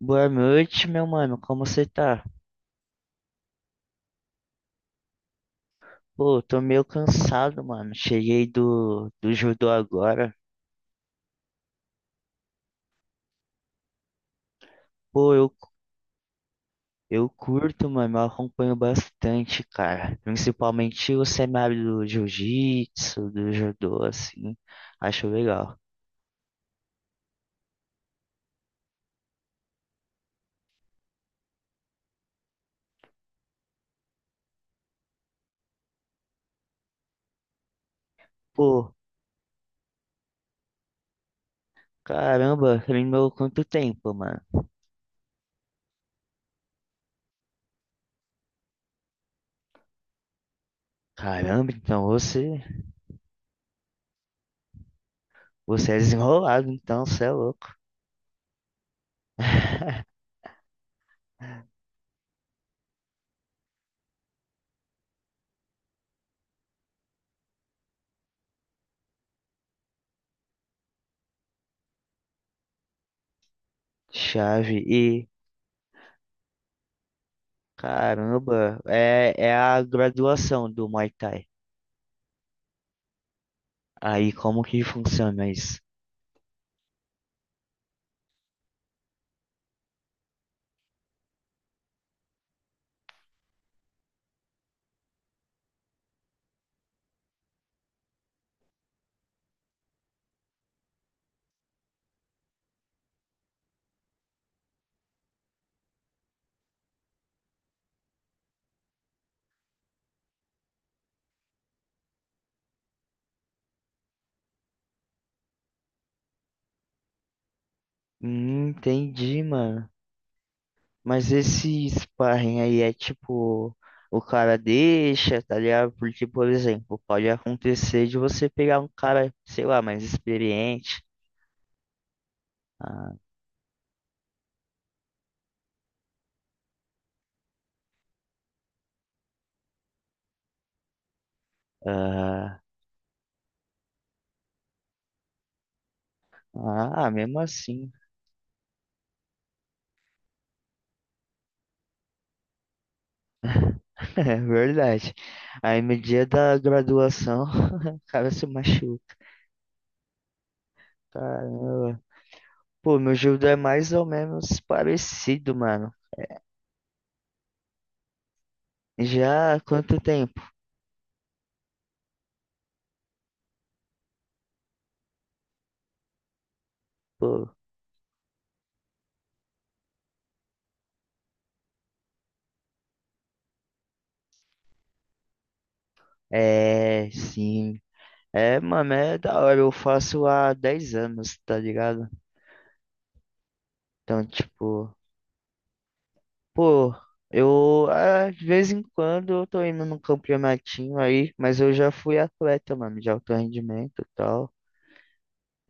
Boa noite, meu mano. Como você tá? Pô, tô meio cansado, mano. Cheguei do judô agora. Pô, eu curto, mano. Eu acompanho bastante, cara. Principalmente o cenário do jiu-jitsu, do judô, assim. Acho legal. Pô, caramba, treinou quanto tempo, mano? Caramba, então você é desenrolado, então você é louco. Chave e caramba, é a graduação do Muay Thai. Aí como que funciona isso? Entendi, mano. Mas esse sparring aí é tipo, o cara deixa, tá ligado? Porque, por exemplo, pode acontecer de você pegar um cara, sei lá, mais experiente. Ah, ah, ah, mesmo assim, é verdade. Aí no dia da graduação, o cara se machuca. Caramba. Pô, meu judô é mais ou menos parecido, mano. Já há quanto tempo? É, sim. É, mano, é da hora. Eu faço há 10 anos, tá ligado? Então, tipo, pô, eu de vez em quando eu tô indo num campeonatinho aí, mas eu já fui atleta, mano, de alto rendimento e tal.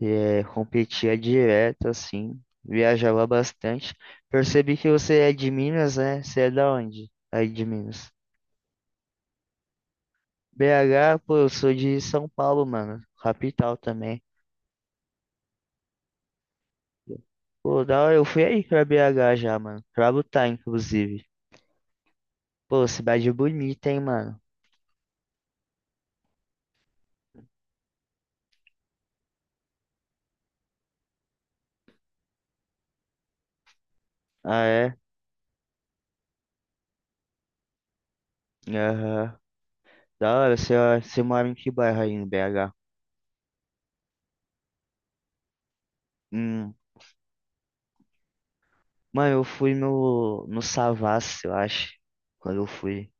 E, é, competia direto, assim, viajava bastante. Percebi que você é de Minas, né? Você é da onde? Aí de Minas. BH, pô, eu sou de São Paulo, mano, capital também. Pô, da hora, eu fui aí pra BH já, mano. Pra lutar, inclusive. Pô, cidade bonita, hein, mano. Ah, é? Aham. Da hora, você mora em que bairro aí em BH? Hum. Mano, eu fui no Savassi, eu acho. Quando eu fui.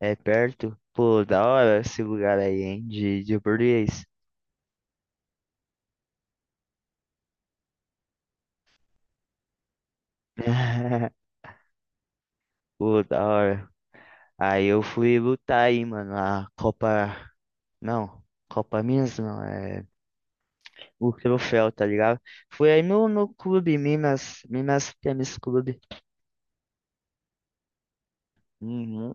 É perto? Pô, da hora esse lugar aí, hein? De português. Pô, da hora. Aí eu fui lutar aí, mano. A Copa. Não, Copa Minas não. É. O troféu, tá ligado? Foi aí no clube, Minas Tênis Clube. Uhum.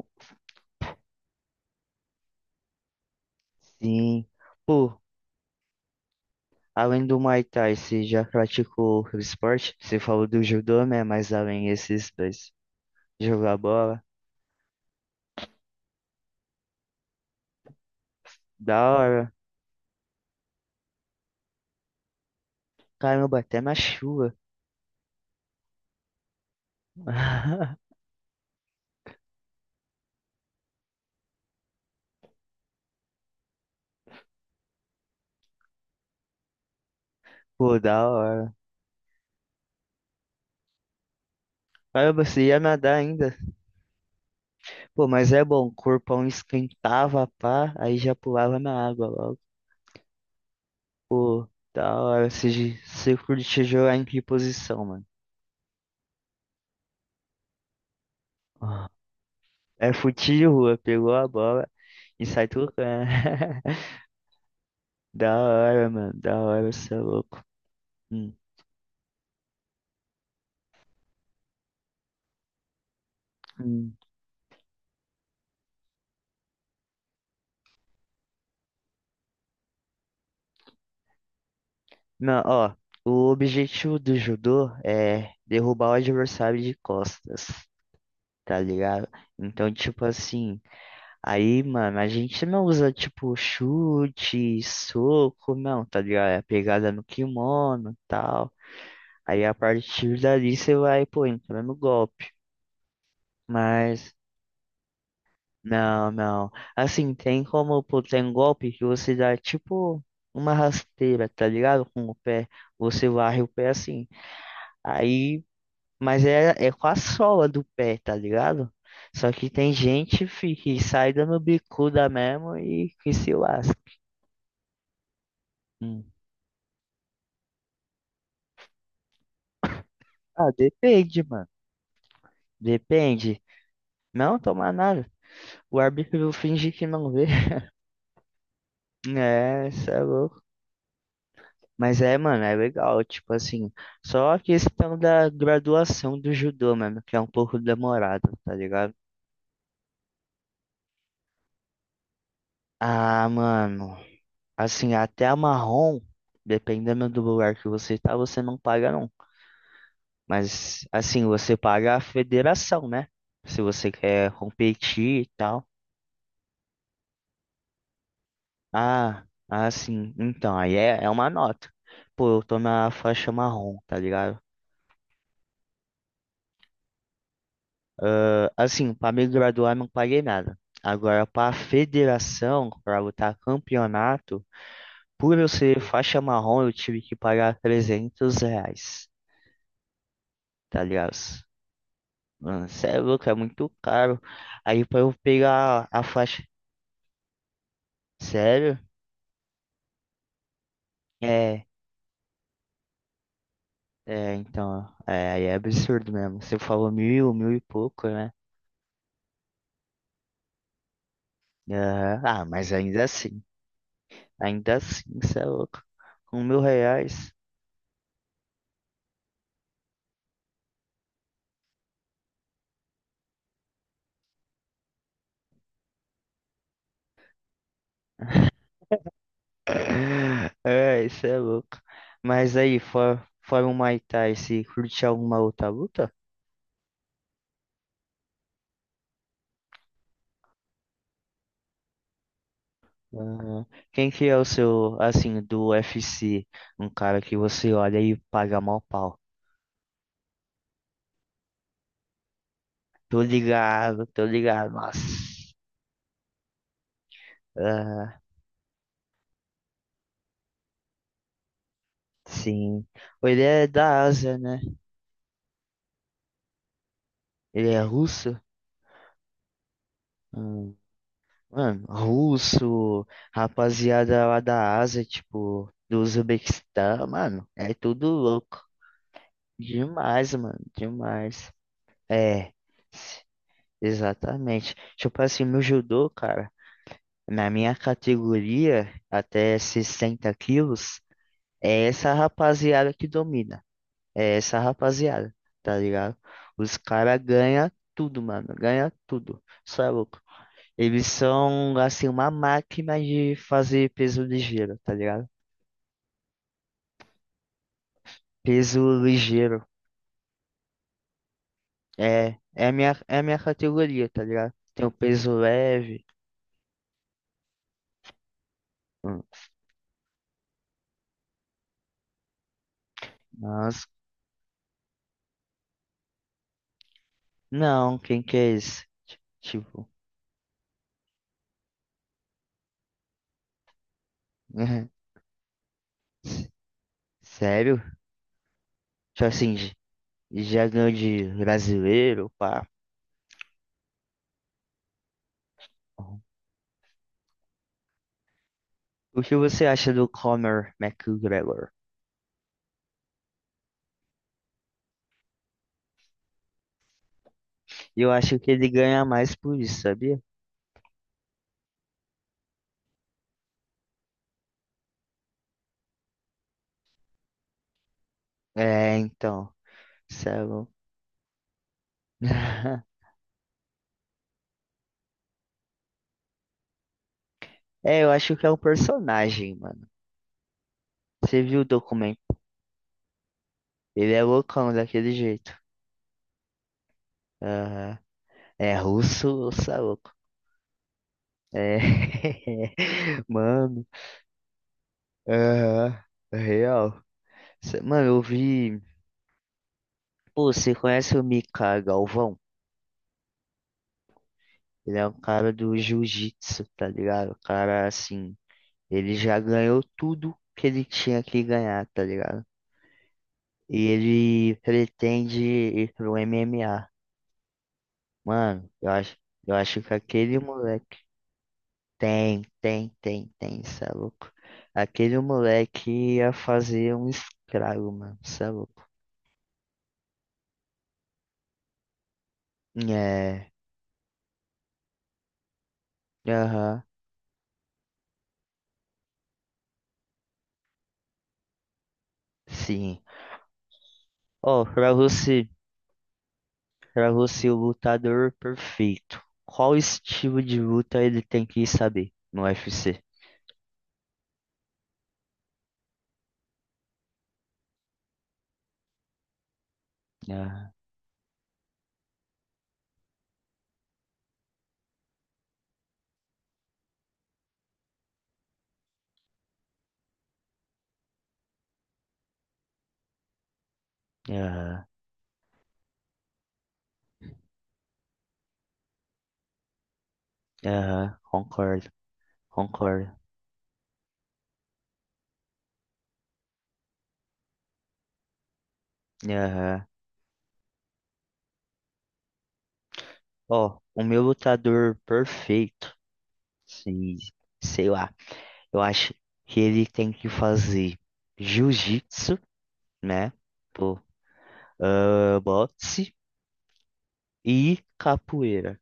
Sim. Pô, além do Muay Thai, você já praticou outro esporte? Você falou do judô, né? Mas além esses dois, jogar bola, da hora. Caramba, até na chuva. Pô, da hora. Caramba, você ia nadar ainda. Pô, mas é bom, o corpão esquentava, pá, aí já pulava na água logo. Pô, da hora. Você curte jogar em que posição, mano? É fute de rua, pegou a bola e sai tocando. Da hora, mano, da hora, você é louco. Hum, hum. Não, ó, o objetivo do judô é derrubar o adversário de costas, tá ligado? Então, tipo assim, aí, mano, a gente não usa, tipo, chute, soco, não, tá ligado? É pegada no kimono e tal. Aí, a partir dali, você vai, pô, entrando no golpe. Mas. Não, não. Assim, tem como, pô, tem um golpe que você dá tipo uma rasteira, tá ligado? Com o pé. Você varre o pé assim. Aí, mas é, com a sola do pé, tá ligado? Só que tem gente, fi, que sai dando bicuda mesmo e que se lasca. Hum. Ah, depende, mano. Depende. Não tomar nada. O árbitro finge que não vê. É, isso é louco. Mas é, mano, é legal, tipo assim, só a questão da graduação do judô, mano, que é um pouco demorado, tá ligado? Ah, mano, assim, até a marrom, dependendo do lugar que você tá, você não paga não. Mas, assim, você paga a federação, né? Se você quer competir e tal. Ah, sim então, aí é uma nota. Pô, eu tô na faixa marrom, tá ligado? Ah, assim, para me graduar não paguei nada. Agora, para a federação, para lutar campeonato, por eu ser faixa marrom, eu tive que pagar R$ 300, tá ligado? Mano, cê é louco, é muito caro. Aí, para eu pegar a faixa. Sério? É, é, então, aí é absurdo mesmo. Você falou mil, mil e pouco, né? Aham. Ah, mas ainda assim, cê é louco. Com R$ 1.000. É, isso é louco. Mas aí, fora o Muay Thai, você curte alguma outra luta? Ah, quem que é o seu, assim, do UFC? Um cara que você olha e paga mal pau. Tô ligado, nossa. Ah, sim. Ele é da Ásia, né? Ele é russo? Hum. Mano, russo, rapaziada lá da Ásia, tipo, do Uzbequistão, mano, é tudo louco. Demais, mano, demais. É, exatamente. Tipo assim, no judô, cara, na minha categoria, até 60 quilos, é essa rapaziada que domina. É essa rapaziada, tá ligado? Os caras ganham tudo, mano, ganha tudo. Só é louco. Eles são, assim, uma máquina de fazer peso ligeiro, tá ligado? Peso ligeiro. É a minha categoria, tá ligado? Tem o peso leve. Um. Nossa, não, quem que é esse? Tipo, sério? Tipo assim, já ganhou de brasileiro, pá. O que você acha do Conor McGregor? Eu acho que ele ganha mais por isso, sabia? É, então, sério. É, eu acho que é um personagem, mano. Você viu o documento? Ele é loucão daquele jeito. Aham. É russo, ou é louco. É, mano, aham, real. Mano, eu vi. Pô, você conhece o Mika Galvão? Ele é um cara do jiu-jitsu, tá ligado? O cara, assim, ele já ganhou tudo que ele tinha que ganhar, tá ligado? E ele pretende ir pro MMA. Mano, eu acho que aquele moleque tem, tem, tem, tem, cê é louco. Aquele moleque ia fazer um estrago, mano, cê é louco. É, aham, sim. Ó, pra você. Para você, o lutador perfeito, qual estilo de luta ele tem que saber no UFC? Aham, aham, aham, concordo, concordo. Aham. Ó, o meu lutador perfeito, se, sei lá, eu acho que ele tem que fazer jiu-jitsu, né? Pô, boxe e capoeira.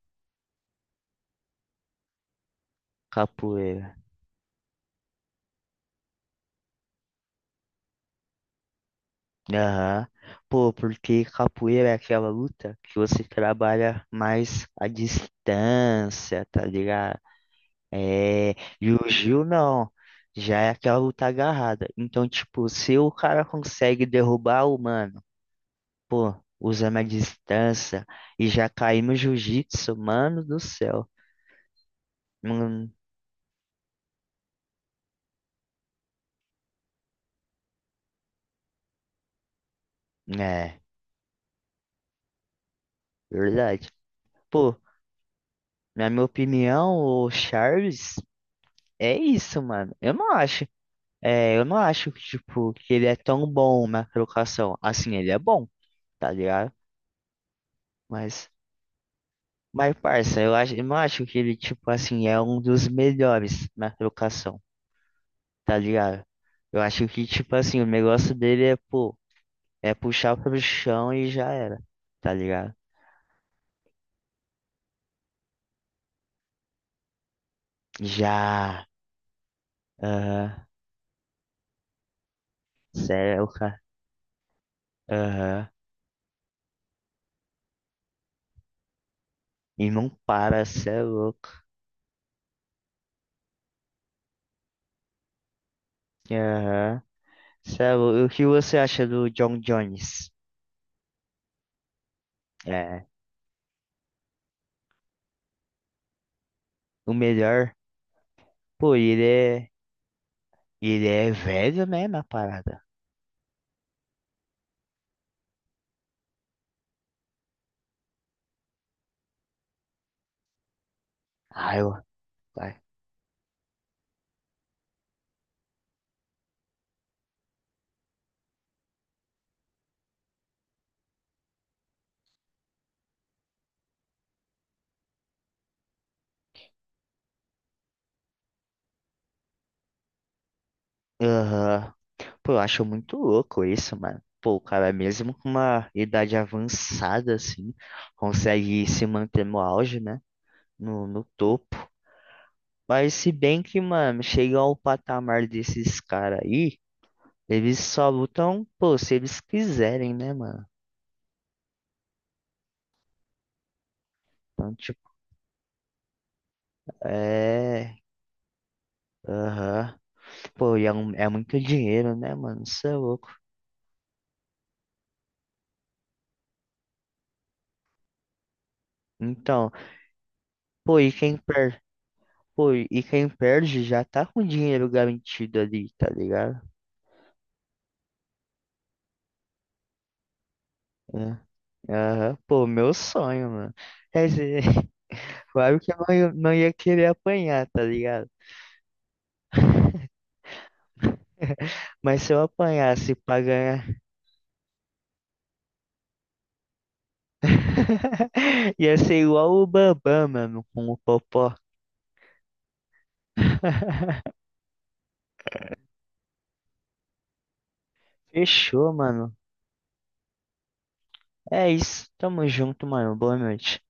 Capoeira. Aham. Pô, porque capoeira é aquela luta que você trabalha mais à distância, tá ligado? É, e o Gil não. Já é aquela luta agarrada. Então, tipo, se o cara consegue derrubar o mano, pô, usando a distância e já cair no jiu-jitsu, mano do céu. Hum, é, verdade. Pô, na minha opinião, o Charles é isso, mano. Eu não acho. É, eu não acho que, tipo, que ele é tão bom na trocação. Assim, ele é bom, tá ligado? Mas, mas, parça, eu acho, eu não acho que ele, tipo, assim, é um dos melhores na trocação, tá ligado? Eu acho que, tipo, assim, o negócio dele é, pô, é puxar pro chão e já era, tá ligado? Já, aham, cê é o cara, aham, e não para, cê é louco, aham, cê é louco. O que você acha do John Jones? É, o melhor? Pô, e ele é. E ele é velho mesmo, a parada. Ah, eu. Ai, aham. Pô, eu acho muito louco isso, mano. Pô, o cara, mesmo com uma idade avançada, assim, consegue se manter no auge, né? No topo. Mas se bem que, mano, chegar ao patamar desses caras aí, eles só lutam, pô, se eles quiserem, né, mano? Então, tipo, é. Aham. Pô, e é muito dinheiro, né, mano? Isso é louco. Então, pô, e quem perde? Pô, e quem perde já tá com dinheiro garantido ali, tá ligado? É. Aham. Pô, meu sonho, mano. Quer dizer, claro que eu não ia querer apanhar, tá ligado? Mas se eu apanhasse pra ganhar, ia ser igual o Bambam, mano, com o Popó. Fechou, mano. É isso. Tamo junto, mano. Boa noite.